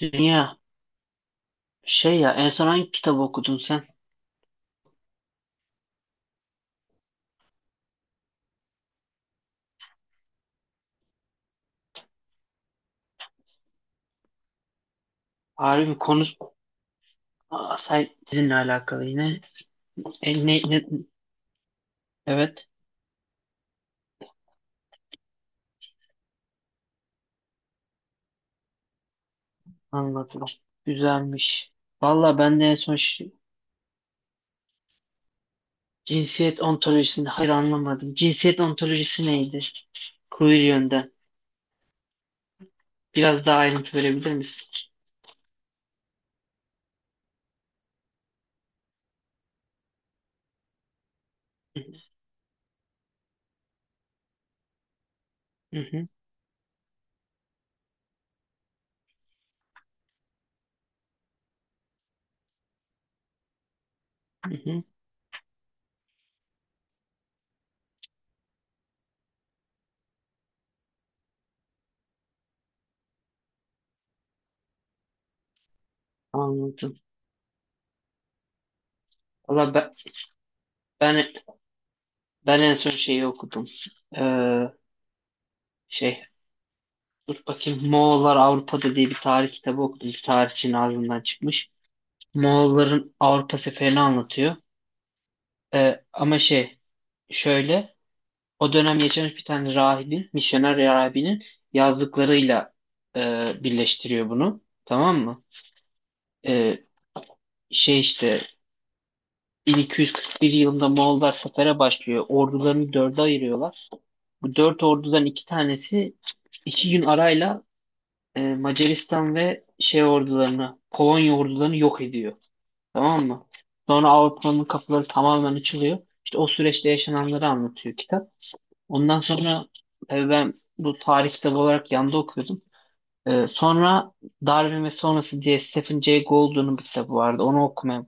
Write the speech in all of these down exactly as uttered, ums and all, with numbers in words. Dünya şey ya en son hangi kitabı okudun sen? Harbi konu. Aa, say sizinle alakalı yine. E, ne, ne- evet, anladım. Güzelmiş. Valla ben de en son şi- cinsiyet ontolojisini hayır anlamadım. Cinsiyet ontolojisi neydi? Queer yönden. Biraz daha ayrıntı verebilir misin? Hı hı, hı hı. Anladım. Valla ben, ben, ben en son şeyi okudum. Ee, şey Dur bakayım, Moğollar Avrupa'da diye bir tarih kitabı okudum. Bir tarihçinin ağzından çıkmış. Moğolların Avrupa seferini anlatıyor. Ee, ama şey şöyle o dönem yaşamış bir tane rahibin, misyoner rahibinin yazdıklarıyla e, birleştiriyor bunu. Tamam mı? Ee, şey işte bin iki yüz kırk bir yılında Moğollar sefere başlıyor. Ordularını dörde ayırıyorlar. Bu dört ordudan iki tanesi iki gün arayla e, Macaristan ve şey ordularını, Polonya ordularını yok ediyor. Tamam mı? Sonra Avrupa'nın kafaları tamamen açılıyor. İşte o süreçte yaşananları anlatıyor kitap. Ondan sonra tabii ben bu tarih kitabı olarak yanda okuyordum. E, sonra Darwin ve Sonrası diye Stephen Jay Gould'un bir kitabı vardı. Onu okumam.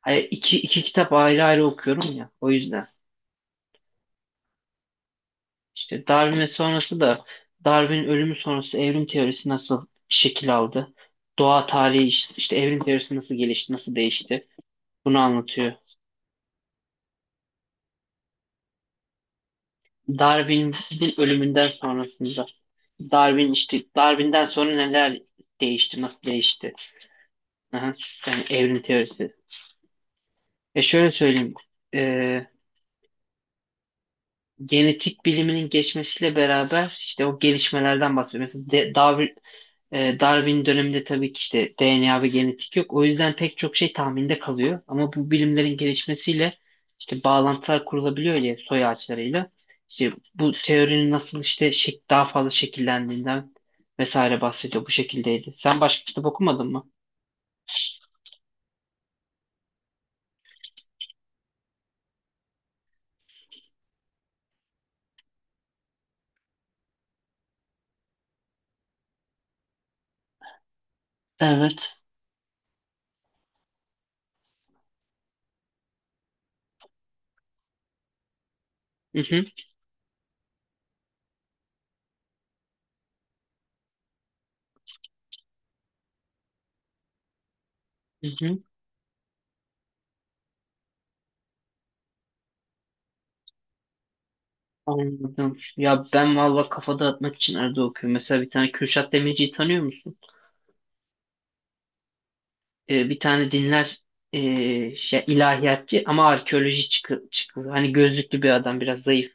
Hani iki, iki kitap ayrı ayrı okuyorum ya. O yüzden. İşte Darwin ve sonrası da Darwin'in ölümü sonrası evrim teorisi nasıl şekil aldı? Doğa tarihi iş- işte evrim teorisi nasıl gelişti, nasıl değişti? Bunu anlatıyor. Darwin'in ölümünden sonrasında Darwin, işte Darwin'den sonra neler değişti, nasıl değişti? Aha, yani evrim teorisi. E şöyle söyleyeyim. e, Genetik biliminin geçmesiyle beraber işte o gelişmelerden bahsediyor. Mesela De- Darwin, E, Darwin döneminde tabii ki işte D N A ve genetik yok. O yüzden pek çok şey tahminde kalıyor. Ama bu bilimlerin gelişmesiyle işte bağlantılar kurulabiliyor ya, soy ağaçlarıyla. İşte bu teorinin nasıl işte şek daha fazla şekillendiğinden vesaire bahsediyor. Bu şekildeydi. Sen başka kitap okumadın mı? Evet. Hı hı, hı hı. Anladım. Ya ben valla kafa dağıtmak için arada okuyorum. Mesela bir tane Kürşat Demirci'yi tanıyor musun? E, bir tane dinler, e, şey ilahiyatçı ama arkeoloji çıkı, çıkıyor. Hani gözlüklü bir adam, biraz zayıf.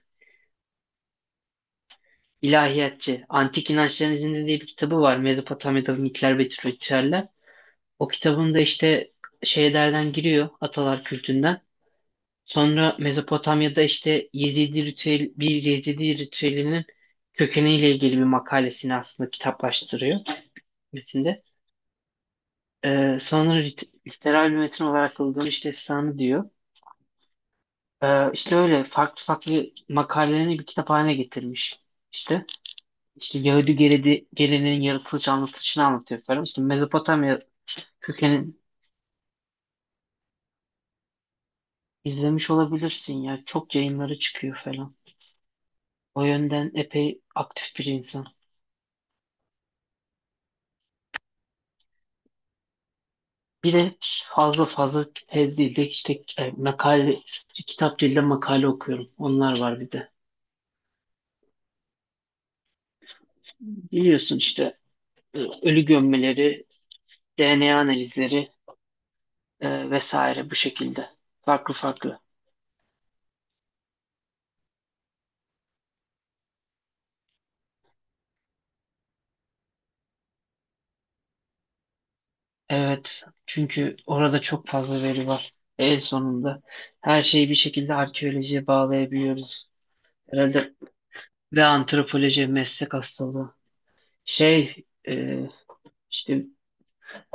İlahiyatçı. Antik İnançların İzinde diye bir kitabı var. Mezopotamya'da mitler ve ritüeller. O kitabında işte şeylerden giriyor, atalar kültünden. Sonra Mezopotamya'da işte Yezidi ritüel, bir Yezidi ritüelinin kökeniyle ilgili bir makalesini aslında kitaplaştırıyor metinde. Ee, sonra lit- literal bir metin olarak kullanılmış işte sanı diyor. Ee, işte öyle farklı farklı makalelerini bir kitap haline getirmiş. İşte işte Yahudi geleneği, geleneğin yaratılış anlatışını anlatıyor falan. İşte Mezopotamya kökenin, izlemiş olabilirsin ya. Çok yayınları çıkıyor falan. O yönden epey aktif bir insan. Bir de fazla fazla tez değil de işte e, makale, kitap değil de makale okuyorum. Onlar var bir de. Biliyorsun işte e, ölü gömmeleri, D N A analizleri e, vesaire, bu şekilde. Farklı farklı. Evet, çünkü orada çok fazla veri var. En sonunda her şeyi bir şekilde arkeolojiye bağlayabiliyoruz. Herhalde ve antropoloji meslek hastalığı. Şey, e, işte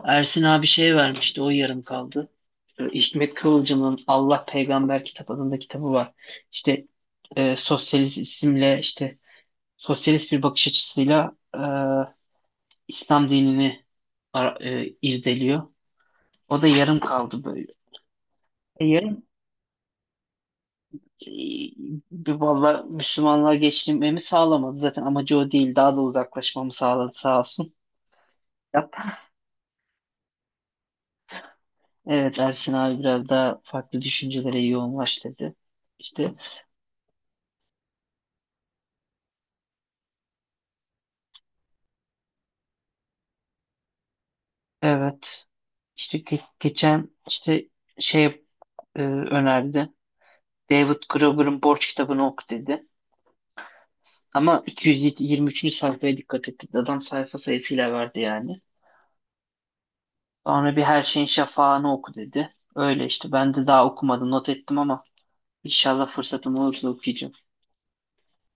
Ersin abi şey vermişti, o yarım kaldı. E, Hikmet Kıvılcım'ın Allah Peygamber Kitap adında kitabı var. İşte e, sosyalist isimle işte sosyalist bir bakış açısıyla e, İslam dinini ara- e, irdeliyor. O da yarım kaldı böyle. E, Yarım, e, valla Müslümanlığa geçirmemi sağlamadı. Zaten amacı o değil. Daha da uzaklaşmamı sağladı sağ olsun. Yap. Evet, Ersin abi biraz daha farklı düşüncelere yoğunlaş dedi. İşte evet. İşte ge- geçen işte şey e, önerdi. David Graeber'ın Borç kitabını oku dedi. Ama iki yüz yirmi üçüncü. sayfaya dikkat ettik. Adam sayfa sayısıyla verdi yani. Sonra bir Her Şeyin Şafağı'nı oku dedi. Öyle işte, ben de daha okumadım, not ettim ama İnşallah fırsatım olursa okuyacağım.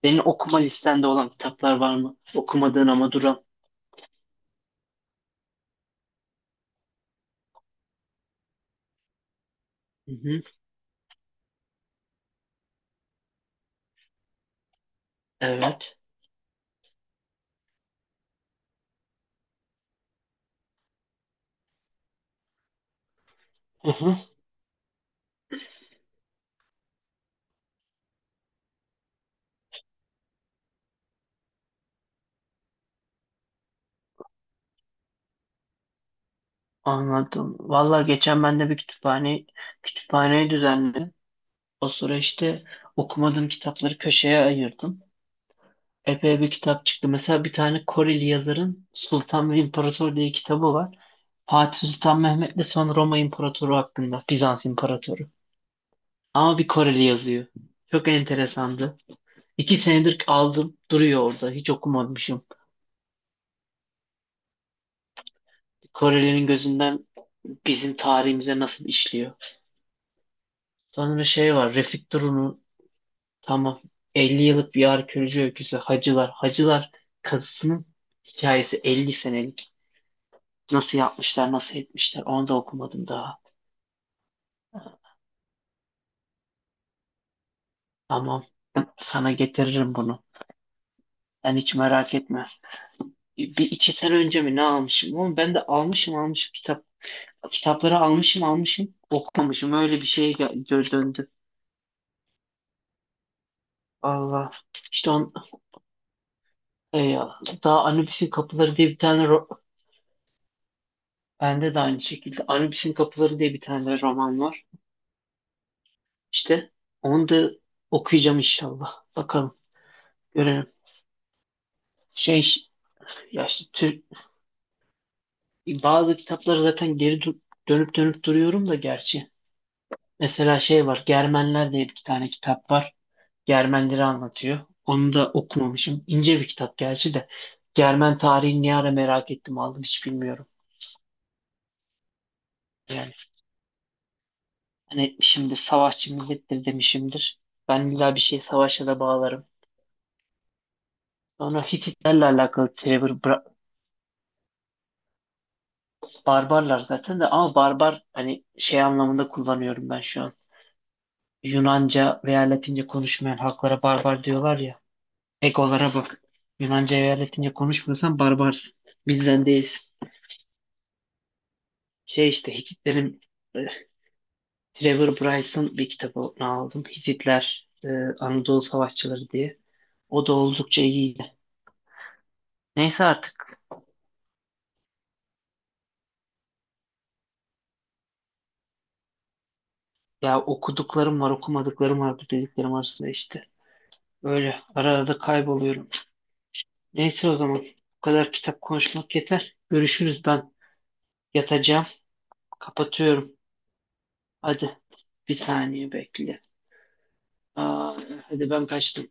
Senin okuma listende olan kitaplar var mı? Okumadığın ama duran. Hı hı. Evet. Hı hı. Anladım. Valla geçen ben de bir kütüphane kütüphaneyi düzenledim. O sıra işte okumadığım kitapları köşeye ayırdım. Epey bir kitap çıktı. Mesela bir tane Koreli yazarın Sultan ve İmparator diye kitabı var. Fatih Sultan Mehmet'le son Roma İmparatoru hakkında. Bizans İmparatoru. Ama bir Koreli yazıyor. Çok enteresandı. İki senedir aldım, duruyor orada. Hiç okumamışım. Korelilerin gözünden bizim tarihimize nasıl işliyor. Sonra şey var, Refik Durun'un, tamam, elli yıllık bir arkeoloji öyküsü Hacılar. Hacılar kazısının hikayesi elli senelik. Nasıl yapmışlar, nasıl etmişler, onu da okumadım daha. Tamam, sana getiririm bunu. Sen hiç merak etme. Bir iki sene önce mi ne almışım? Oğlum ben de almışım almışım kitap. Kitapları almışım almışım okumamışım. Öyle bir şeye gel- dö- döndü. Allah. İşte on, e, daha Anubis'in Kapıları diye bir tane ro- bende de aynı şekilde Anubis'in Kapıları diye bir tane roman var. İşte onu da okuyacağım inşallah. Bakalım. Görelim. Şey ya işte Türk, bazı kitapları zaten geri dö- dönüp dönüp duruyorum da gerçi. Mesela şey var. Germenler diye bir tane kitap var. Germenleri anlatıyor. Onu da okumamışım. İnce bir kitap gerçi de. Germen tarihini ne ara merak ettim aldım hiç bilmiyorum. Yani. Ben etmişimdir, savaşçı millettir demişimdir. Ben illa bir şey savaşa da bağlarım. Sonra Hititlerle alakalı Trevor Bra- barbarlar zaten de ama barbar hani şey anlamında kullanıyorum ben şu an. Yunanca veya Latince konuşmayan halklara barbar diyorlar ya. Egolara bak. Yunanca veya Latince konuşmuyorsan barbarsın. Bizden değilsin. Şey işte Hititlerin e, Trevor Bryce'ın bir kitabını aldım. Hititler, e, Anadolu Savaşçıları diye. O da oldukça iyiydi. Neyse artık. Ya okuduklarım var, okumadıklarım var, bu dediklerim arasında işte. Öyle ara ara da kayboluyorum. Neyse, o zaman bu kadar kitap konuşmak yeter. Görüşürüz, ben yatacağım. Kapatıyorum. Hadi bir saniye bekle. Aa, hadi ben kaçtım.